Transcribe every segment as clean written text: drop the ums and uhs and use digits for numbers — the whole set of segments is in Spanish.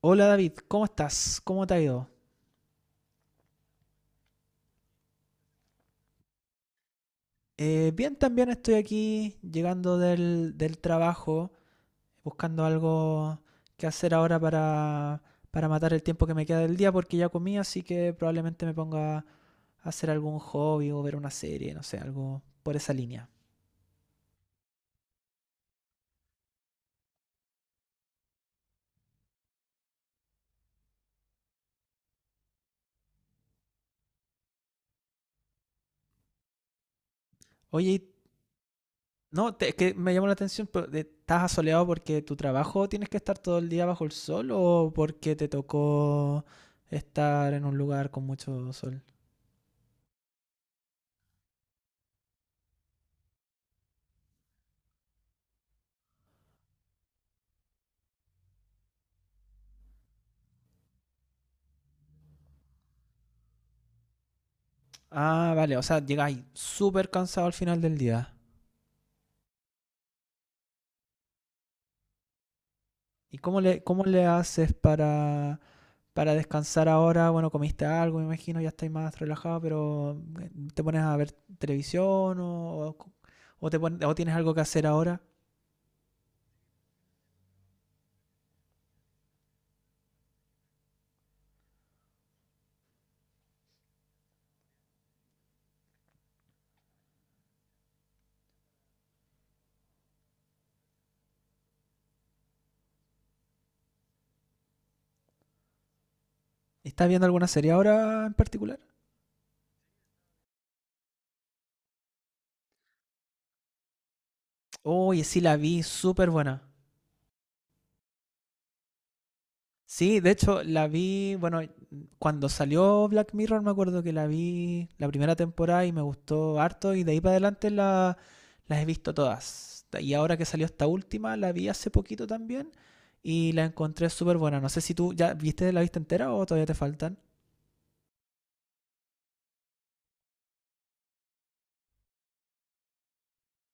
Hola David, ¿cómo estás? ¿Cómo te ha ido? Bien, también estoy aquí llegando del trabajo, buscando algo que hacer ahora para matar el tiempo que me queda del día, porque ya comí, así que probablemente me ponga a hacer algún hobby o ver una serie, no sé, algo por esa línea. Oye, no, es que me llamó la atención, pero, ¿estás asoleado porque tu trabajo tienes que estar todo el día bajo el sol o porque te tocó estar en un lugar con mucho sol? Ah, vale, o sea, llegáis súper cansado al final del día. ¿Y cómo le haces para descansar ahora? Bueno, comiste algo, me imagino, ya estáis más relajado, pero ¿te pones a ver televisión o tienes algo que hacer ahora? ¿Estás viendo alguna serie ahora en particular? Oye, sí la vi, súper buena. Sí, de hecho, la vi, bueno, cuando salió Black Mirror me acuerdo que la vi la primera temporada y me gustó harto y de ahí para adelante las he visto todas. Y ahora que salió esta última, la vi hace poquito también y la encontré súper buena. No sé si tú ya viste entera o todavía te faltan.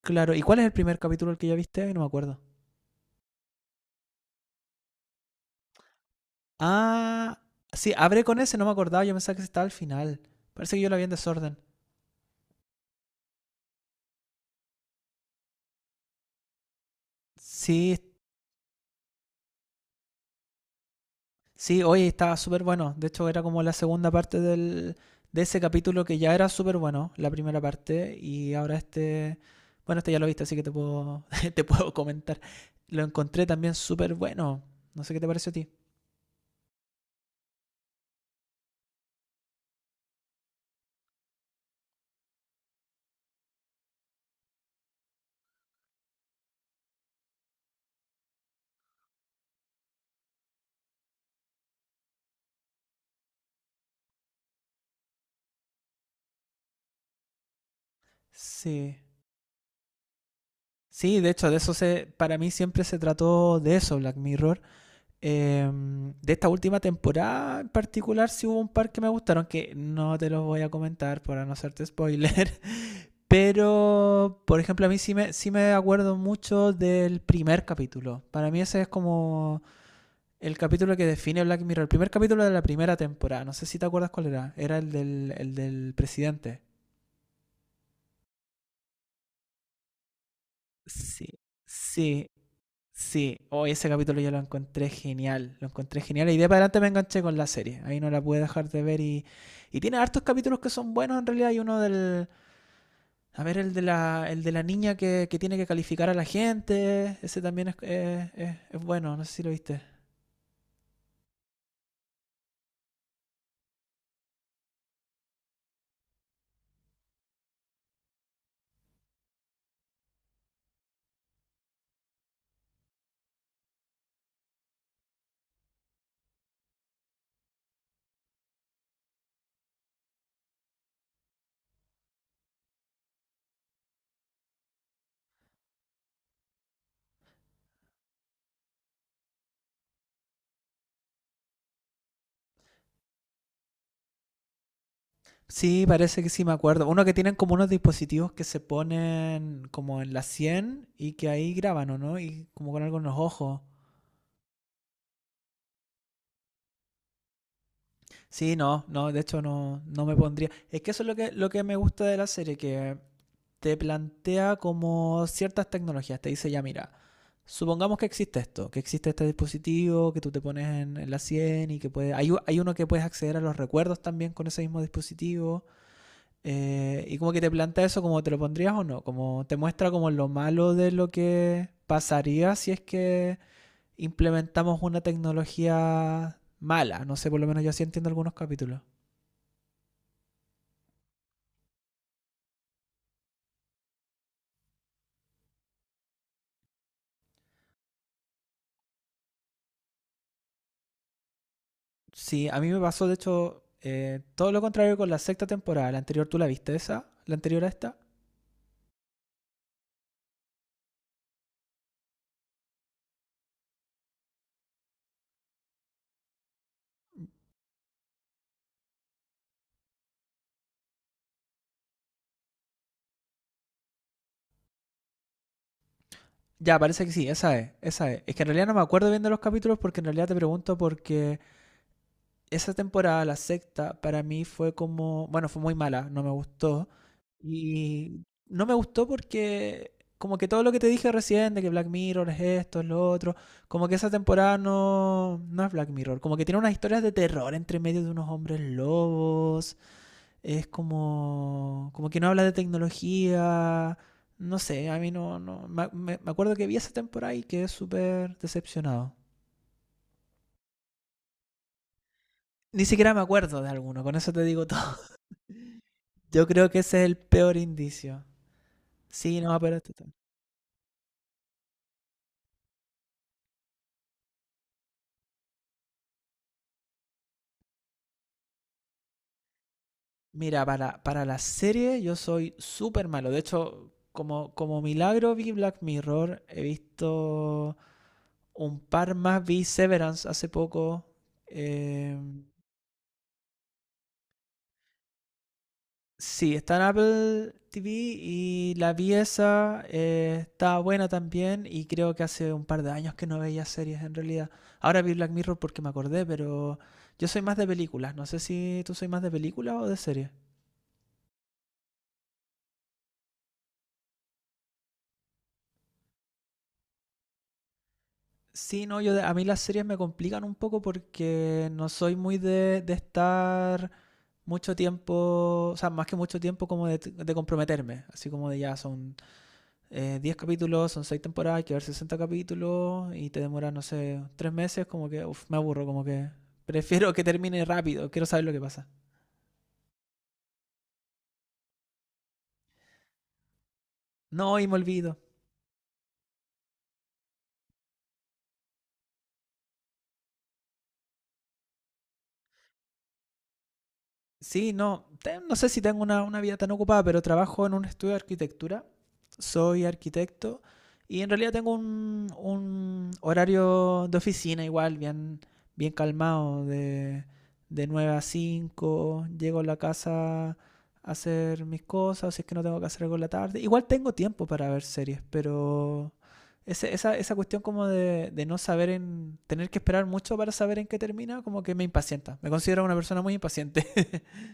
Claro, ¿y cuál es el primer capítulo el que ya viste? Ay, no me acuerdo. Ah, sí, abre con ese, no me acordaba, yo pensaba que estaba al final. Parece que yo la vi en desorden. Sí, sí, hoy estaba súper bueno. De hecho, era como la segunda parte de ese capítulo que ya era súper bueno, la primera parte, y ahora este, bueno, este ya lo viste, así que te puedo, te puedo comentar. Lo encontré también súper bueno. No sé qué te pareció a ti. Sí. Sí, de hecho, para mí siempre se trató de eso, Black Mirror. De esta última temporada en particular, sí hubo un par que me gustaron, que no te los voy a comentar para no hacerte spoiler. Pero, por ejemplo, a mí sí me acuerdo mucho del primer capítulo. Para mí ese es como el capítulo que define Black Mirror. El primer capítulo de la primera temporada. No sé si te acuerdas cuál era. Era el del presidente. Sí, sí. Sí, hoy ese capítulo yo lo encontré genial y de ahí para adelante me enganché con la serie, ahí no la pude dejar de ver y tiene hartos capítulos que son buenos en realidad, hay uno a ver, el de la niña que tiene que calificar a la gente, ese también es, es bueno, no sé si lo viste. Sí, parece que sí, me acuerdo. Uno que tienen como unos dispositivos que se ponen como en la 100 y que ahí graban, ¿o no? Y como con algo en los ojos. Sí, no, no, de hecho no, no me pondría. Es que eso es lo que me gusta de la serie, que te plantea como ciertas tecnologías, te dice ya mira, supongamos que existe esto, que existe este dispositivo que tú te pones en la 100 y hay uno que puedes acceder a los recuerdos también con ese mismo dispositivo, y como que te plantea eso como te lo pondrías o no, como te muestra como lo malo de lo que pasaría si es que implementamos una tecnología mala, no sé, por lo menos yo así entiendo algunos capítulos. Sí, a mí me pasó, de hecho, todo lo contrario con la sexta temporada. La anterior, ¿tú la viste esa? ¿La anterior a esta? Ya, parece que sí, esa es, esa es. Es que en realidad no me acuerdo bien de los capítulos porque en realidad te pregunto porque esa temporada, la sexta, para mí fue como, bueno, fue muy mala, no me gustó. Y no me gustó porque como que todo lo que te dije recién de que Black Mirror es esto, es lo otro, como que esa temporada no es Black Mirror, como que tiene unas historias de terror entre medio de unos hombres lobos, es como que no habla de tecnología. No sé, a mí no. No me acuerdo que vi esa temporada y quedé súper decepcionado. Ni siquiera me acuerdo de alguno, con eso te digo todo. Yo creo que ese es el peor indicio. Sí, no, pero este tal. Mira, para la serie yo soy súper malo. De hecho, como milagro vi Black Mirror, he visto un par más, vi Severance hace poco. eh, Sí, está en Apple TV y la pieza está buena también y creo que hace un par de años que no veía series en realidad. Ahora vi Black Mirror porque me acordé, pero yo soy más de películas. No sé si tú soy más de películas o de series. Sí, no, yo a mí las series me complican un poco porque no soy muy de estar mucho tiempo, o sea, más que mucho tiempo como de comprometerme, así como de ya son 10 capítulos, son 6 temporadas, hay que ver 60 capítulos y te demoras, no sé, 3 meses, como que, uff, me aburro, como que prefiero que termine rápido, quiero saber lo que pasa. No, y me olvido. Sí, no, no sé si tengo una vida tan ocupada, pero trabajo en un estudio de arquitectura. Soy arquitecto y en realidad tengo un horario de oficina igual, bien, bien calmado, de 9 a 5, llego a la casa a hacer mis cosas, o si es que no tengo que hacer algo en la tarde. Igual tengo tiempo para ver series, pero esa cuestión como de no saber tener que esperar mucho para saber en qué termina, como que me impacienta. Me considero una persona muy impaciente.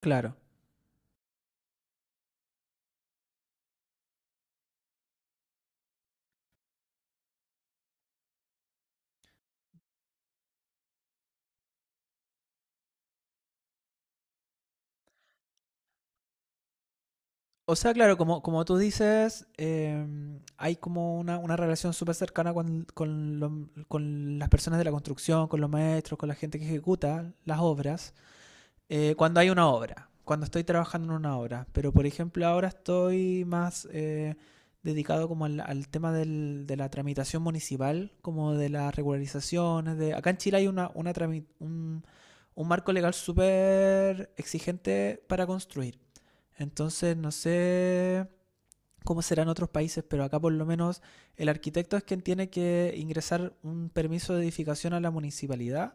Claro. O sea, claro, como tú dices, hay como una relación súper cercana con las personas de la construcción, con los maestros, con la gente que ejecuta las obras, cuando hay una obra, cuando estoy trabajando en una obra. Pero, por ejemplo, ahora estoy más dedicado como al tema de la tramitación municipal, como de las regularizaciones. Acá en Chile hay un marco legal súper exigente para construir. Entonces, no sé cómo será en otros países, pero acá por lo menos el arquitecto es quien tiene que ingresar un permiso de edificación a la municipalidad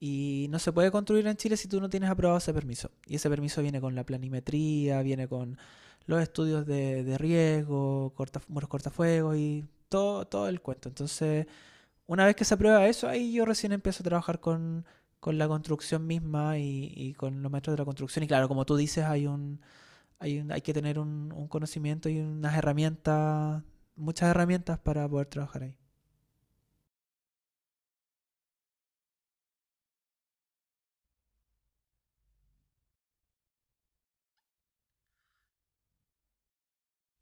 y no se puede construir en Chile si tú no tienes aprobado ese permiso. Y ese permiso viene con la planimetría, viene con los estudios de riesgo, muros cortafuegos y todo el cuento. Entonces, una vez que se aprueba eso, ahí yo recién empiezo a trabajar con la construcción misma y, con los maestros de la construcción. Y claro, como tú dices, hay que tener un conocimiento y unas herramientas, muchas herramientas para poder trabajar ahí.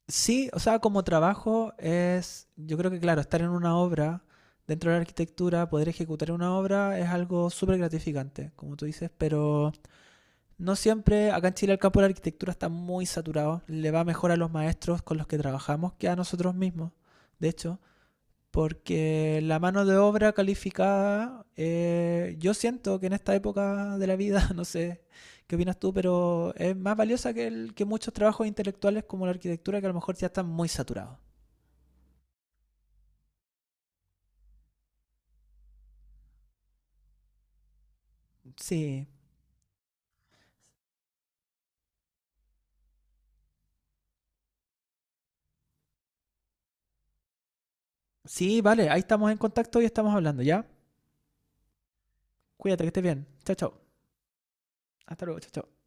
Sí, o sea, como trabajo es, yo creo que claro, estar en una obra, dentro de la arquitectura, poder ejecutar una obra es algo súper gratificante, como tú dices, pero no siempre, acá en Chile el campo de la arquitectura está muy saturado, le va mejor a los maestros con los que trabajamos que a nosotros mismos, de hecho, porque la mano de obra calificada, yo siento que en esta época de la vida, no sé qué opinas tú, pero es más valiosa que muchos trabajos intelectuales como la arquitectura que a lo mejor ya están muy saturados. Sí, sí, vale, ahí estamos en contacto y estamos hablando, ¿ya? Cuídate, que estés bien. Chao, chao. Hasta luego, chao, chao.